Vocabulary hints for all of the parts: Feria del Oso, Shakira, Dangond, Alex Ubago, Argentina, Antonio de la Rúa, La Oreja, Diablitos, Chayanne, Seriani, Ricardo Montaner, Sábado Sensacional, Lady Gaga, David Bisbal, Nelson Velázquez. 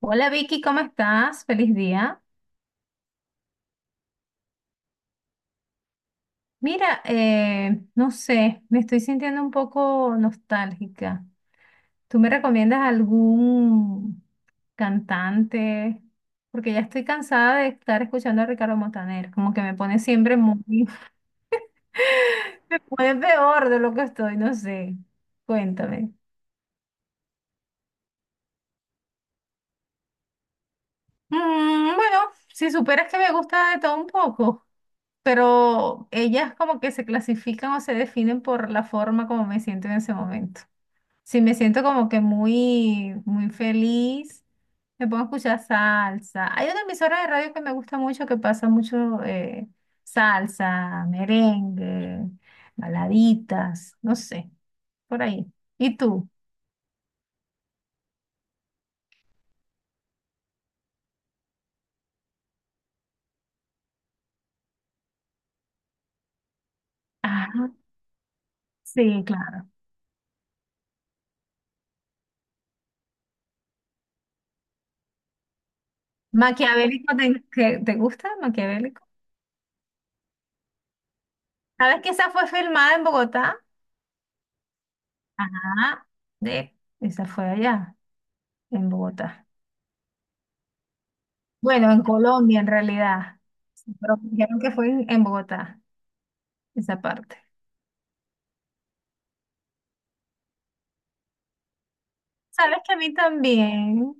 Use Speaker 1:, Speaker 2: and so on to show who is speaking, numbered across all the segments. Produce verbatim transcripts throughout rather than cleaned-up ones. Speaker 1: Hola Vicky, ¿cómo estás? Feliz día. Mira, eh, no sé, me estoy sintiendo un poco nostálgica. ¿Tú me recomiendas algún cantante? Porque ya estoy cansada de estar escuchando a Ricardo Montaner, como que me pone siempre muy... Me pone peor de lo que estoy, no sé. Cuéntame. Mm, bueno, si superas que me gusta de todo un poco. Pero ellas como que se clasifican o se definen por la forma como me siento en ese momento. Si me siento como que muy, muy feliz, me pongo a escuchar salsa. Hay una emisora de radio que me gusta mucho, que pasa mucho eh, salsa, merengue, baladitas, no sé, por ahí. ¿Y tú? Ah, sí, claro. ¿Maquiavélico te, que- te gusta? ¿Maquiavélico? ¿Sabes que esa fue filmada en Bogotá? Ah, de, esa fue allá. En Bogotá. Bueno, en Colombia en realidad, pero me dijeron que fue en, en Bogotá, esa parte. Sabes que a mí también,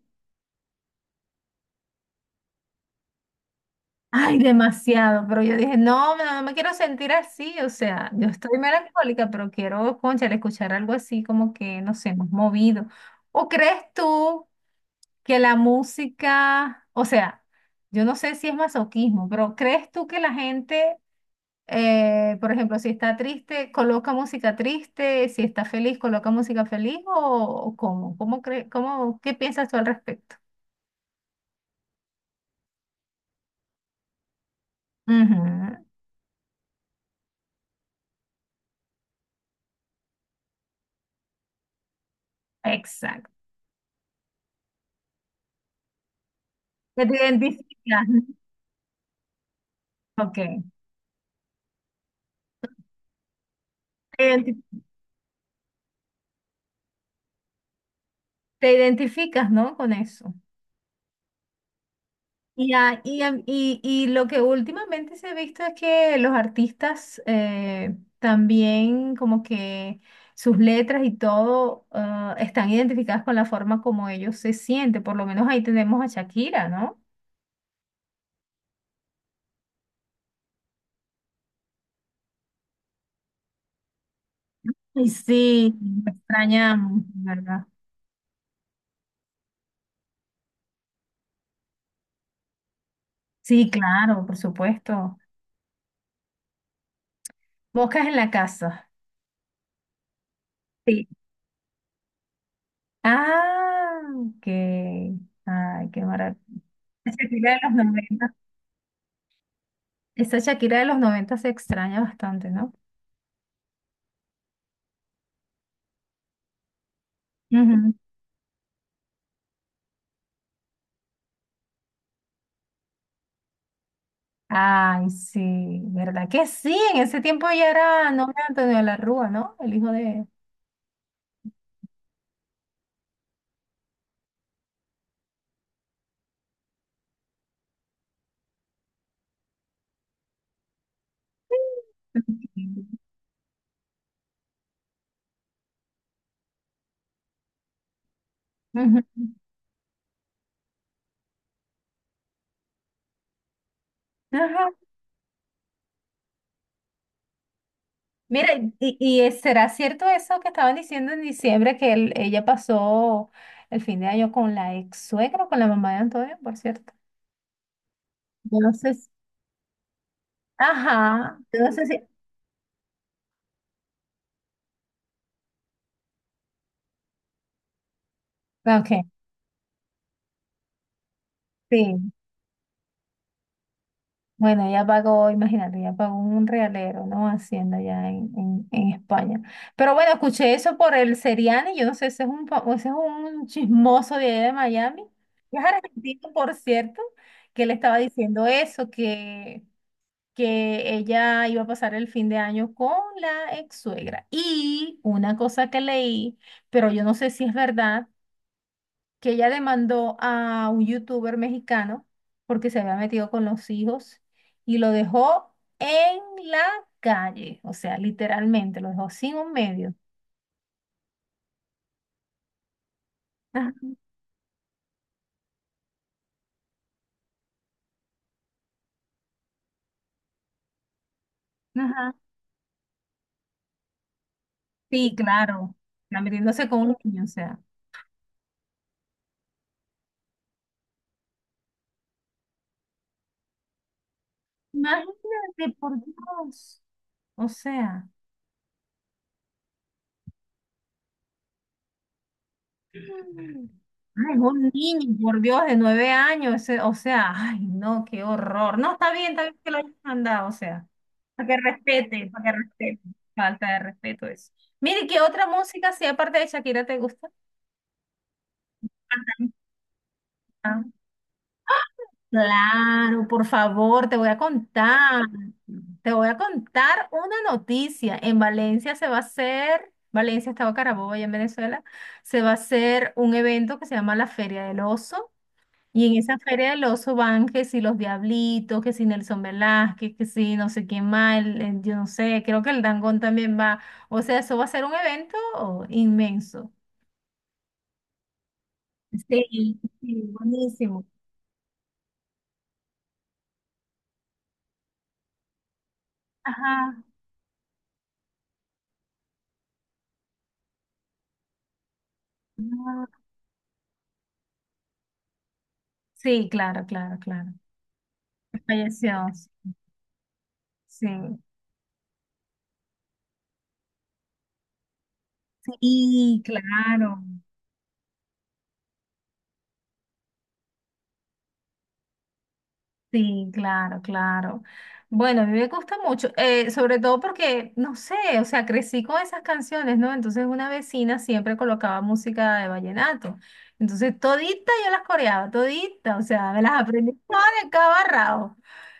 Speaker 1: ay, demasiado, pero yo dije, no, no, no me quiero sentir así, o sea, yo estoy melancólica, pero quiero, cónchale, escuchar algo así como que, no sé, más movido. ¿O crees tú que la música, o sea, yo no sé si es masoquismo, pero crees tú que la gente Eh, por ejemplo, si está triste, coloca música triste, si está feliz, coloca música feliz o, o cómo, cómo cre- cómo, ¿qué piensas tú al respecto? Ujú. Exacto. Que te identificas. Ok. Te identi- te identificas, ¿no? Con eso. Y, a- y, a- y- y lo que últimamente se ha visto es que los artistas eh, también como que sus letras y todo ah, están identificadas con la forma como ellos se sienten. Por lo menos ahí tenemos a Shakira, ¿no? Y sí, la extrañamos, ¿verdad? Sí, claro, por supuesto. Moscas en la casa. Sí. Ah, ok. Ay, qué maravilla. Shakira de los noventa. Esa Shakira de los noventa se extraña bastante, ¿no? Ujú. Ay, sí, ¿verdad que sí? En ese tiempo ya era nombre de Antonio de la Rúa, ¿no? El hijo de... Ujú. Ajá. Mira, y, y es- será cierto eso que estaban diciendo en diciembre, que él- ella pasó el fin de año con la ex suegra, con la mamá de Antonio, por cierto. Yo no sé si- Ajá, yo no sé si... Ok, sí. Bueno, ella pagó, imagínate, ella pagó un realero, ¿no? Hacienda allá en, en, en España. Pero bueno, escuché eso por el Seriani, yo no sé, ese es un, fa- ese es un chismoso de allá de Miami, que es argentino, por cierto, que le estaba diciendo eso, que, que ella iba a pasar el fin de año con la ex suegra. Y una cosa que leí, pero yo no sé si es verdad que ella demandó a un youtuber mexicano porque se había metido con los hijos y lo dejó en la calle, o sea, literalmente, lo dejó sin un medio. Ajá. Ajá. Sí, claro. Está metiéndose con un niño, o sea. Imagínate, por Dios. O sea. Ay, un niño, por Dios, de nueve años, ese- o sea, ay, no, qué horror. No, está bien, está bien que lo hayan mandado, o sea, para que respete, para que respete. Falta de respeto eso. Mire, ¿qué otra música, si aparte de Shakira, te gusta? Ah, claro, por favor, te voy a contar, te voy a contar una noticia. En Valencia se va a hacer, Valencia, Estado Carabobo, allá en Venezuela, se va a hacer un evento que se llama la Feria del Oso. Y en esa feria del oso van que si los Diablitos, que si Nelson Velázquez, que si no sé quién más, el- el- yo no sé, creo que el Dangond también va. O sea, eso va a ser un evento inmenso. Sí, sí, buenísimo. Ajá. Ajá. Sí, claro, claro, claro. Falleció. Sí, sí, claro. Sí, claro, claro. Bueno, a mí me gusta mucho, eh, sobre todo porque, no sé, o sea, crecí con esas canciones, ¿no? Entonces una vecina siempre colocaba música de vallenato. Entonces todita yo las coreaba, todita, o sea, me las aprendí todas de cabo a rabo.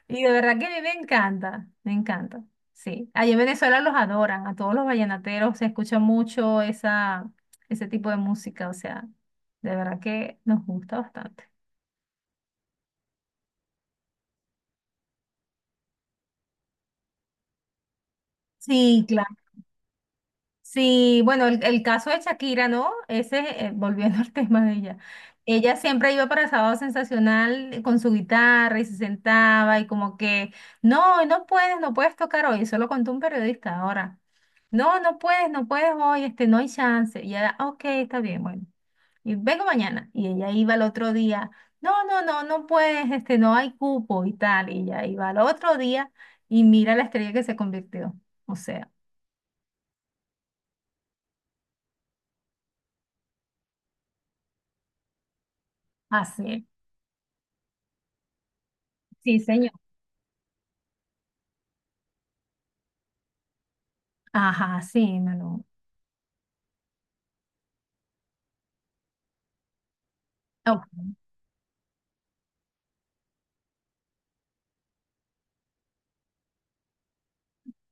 Speaker 1: Y de verdad que a mí me encanta, me encanta. Sí, allá en Venezuela los adoran, a todos los vallenateros se escucha mucho esa, ese tipo de música, o sea, de verdad que nos gusta bastante. Sí, claro. Sí, bueno, el, el caso de Shakira, ¿no? Ese, eh, volviendo al tema de ella. Ella siempre iba para Sábado Sensacional eh, con su guitarra y se sentaba y como que, no, hoy no puedes, no puedes tocar hoy. Eso lo contó un periodista ahora. No, no puedes, no puedes hoy, este, no hay chance. Y ella, ok, está bien, bueno. Y vengo mañana. Y ella iba al otro día. No, no, no, no puedes, este, no hay cupo y tal. Y ella iba al otro día y mira la estrella que se convirtió. O sea, así es. Sí. Ajá, sí, no, no. Oh,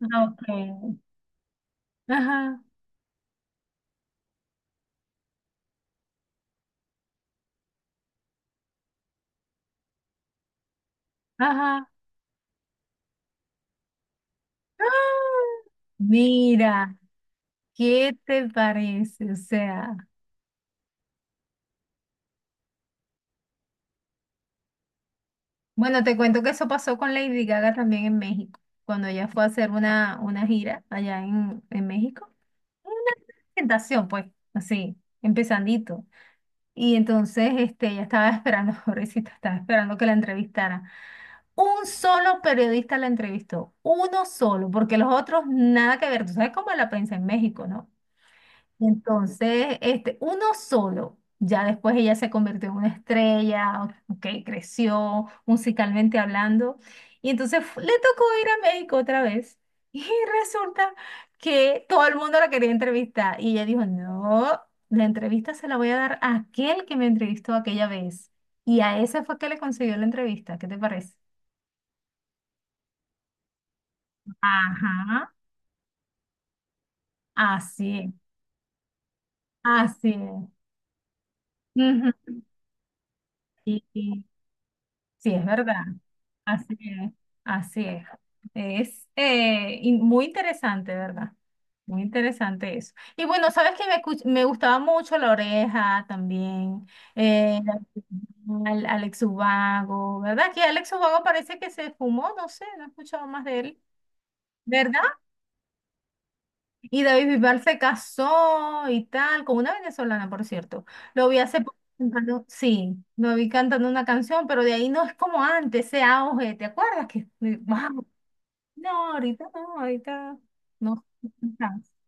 Speaker 1: ok. Ajá, ajá. ¡Ah! Mira, ¿qué te parece? O sea, bueno, te cuento que eso pasó con Lady Gaga también en México, cuando ella fue a hacer una, una gira allá en, en México. Una presentación, pues, así, empezandito. Y entonces, este, ella estaba esperando, pobrecita, estaba esperando que la entrevistara. Un solo periodista la entrevistó, uno solo, porque los otros nada que ver. Tú sabes cómo es la prensa en México, ¿no? Entonces, este, uno solo. Ya después ella se convirtió en una estrella, ok, creció musicalmente hablando. Y entonces fu- le tocó ir a México otra vez. Y resulta que todo el mundo la quería entrevistar. Y ella dijo, no, la entrevista se la voy a dar a aquel que me entrevistó aquella vez. Y a ese fue que le consiguió la entrevista. ¿Qué te parece? Ajá, así es, así es. Ujú. Y, y sí, es verdad, así es, así es. Es eh, in- muy interesante, ¿verdad? Muy interesante eso. Y bueno, sabes que me, escuch- me gustaba mucho La Oreja también, eh, al- Alex Ubago, ¿verdad? Que Alex Ubago parece que se fumó, no sé, no he escuchado más de él, ¿verdad? Y David Bisbal se casó y tal, con una venezolana, por cierto. Lo vi hace poco cantando, sí, lo vi cantando una canción, pero de ahí no es como antes, ese auge, ¿te acuerdas? Que, wow, no, ahorita no, ahorita no.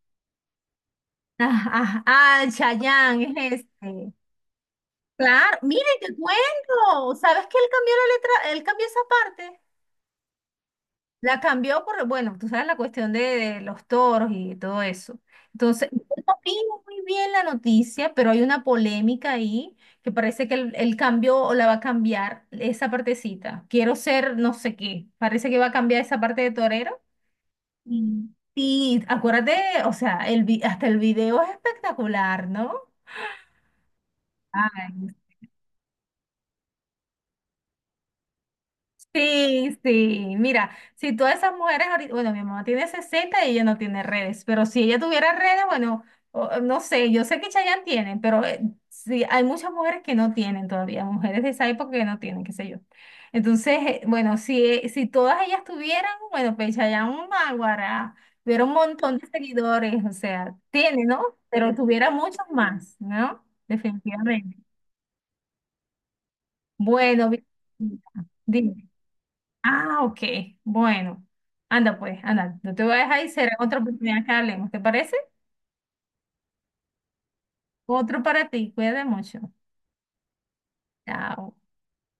Speaker 1: Ah, ah, ah, Chayanne es este. Claro, mire, te cuento. ¿Sabes que él cambió la letra? Él cambió esa parte. La cambió por, bueno, tú sabes la cuestión de, de los toros y todo eso. Entonces, yo no vi muy bien la noticia, pero hay una polémica ahí que parece que él, él cambió o la va a cambiar esa partecita. Quiero ser no sé qué. Parece que va a cambiar esa parte de torero. Mm. Y acuérdate, o sea, el, vi- hasta el video es espectacular, ¿no? Sí, sí, mira, si todas esas mujeres ahorita, bueno, mi mamá tiene sesenta y ella no tiene redes, pero si ella tuviera redes, bueno, o- no sé, yo sé que Chayanne tiene, pero eh, sí, hay muchas mujeres que no tienen todavía, mujeres de esa época que no tienen, qué sé yo. Entonces, eh, bueno, si, eh, si todas ellas tuvieran, bueno, pues Chayanne Mágara tuviera un montón de seguidores, o sea, tiene, ¿no? Pero tuviera muchos más, ¿no? Definitivamente. Bueno, vi- dime. Ah, ok. Bueno, anda pues, anda. No te voy a dejar y será otra oportunidad que hablemos. ¿Te parece? Otro para ti. Cuídate mucho. Chao.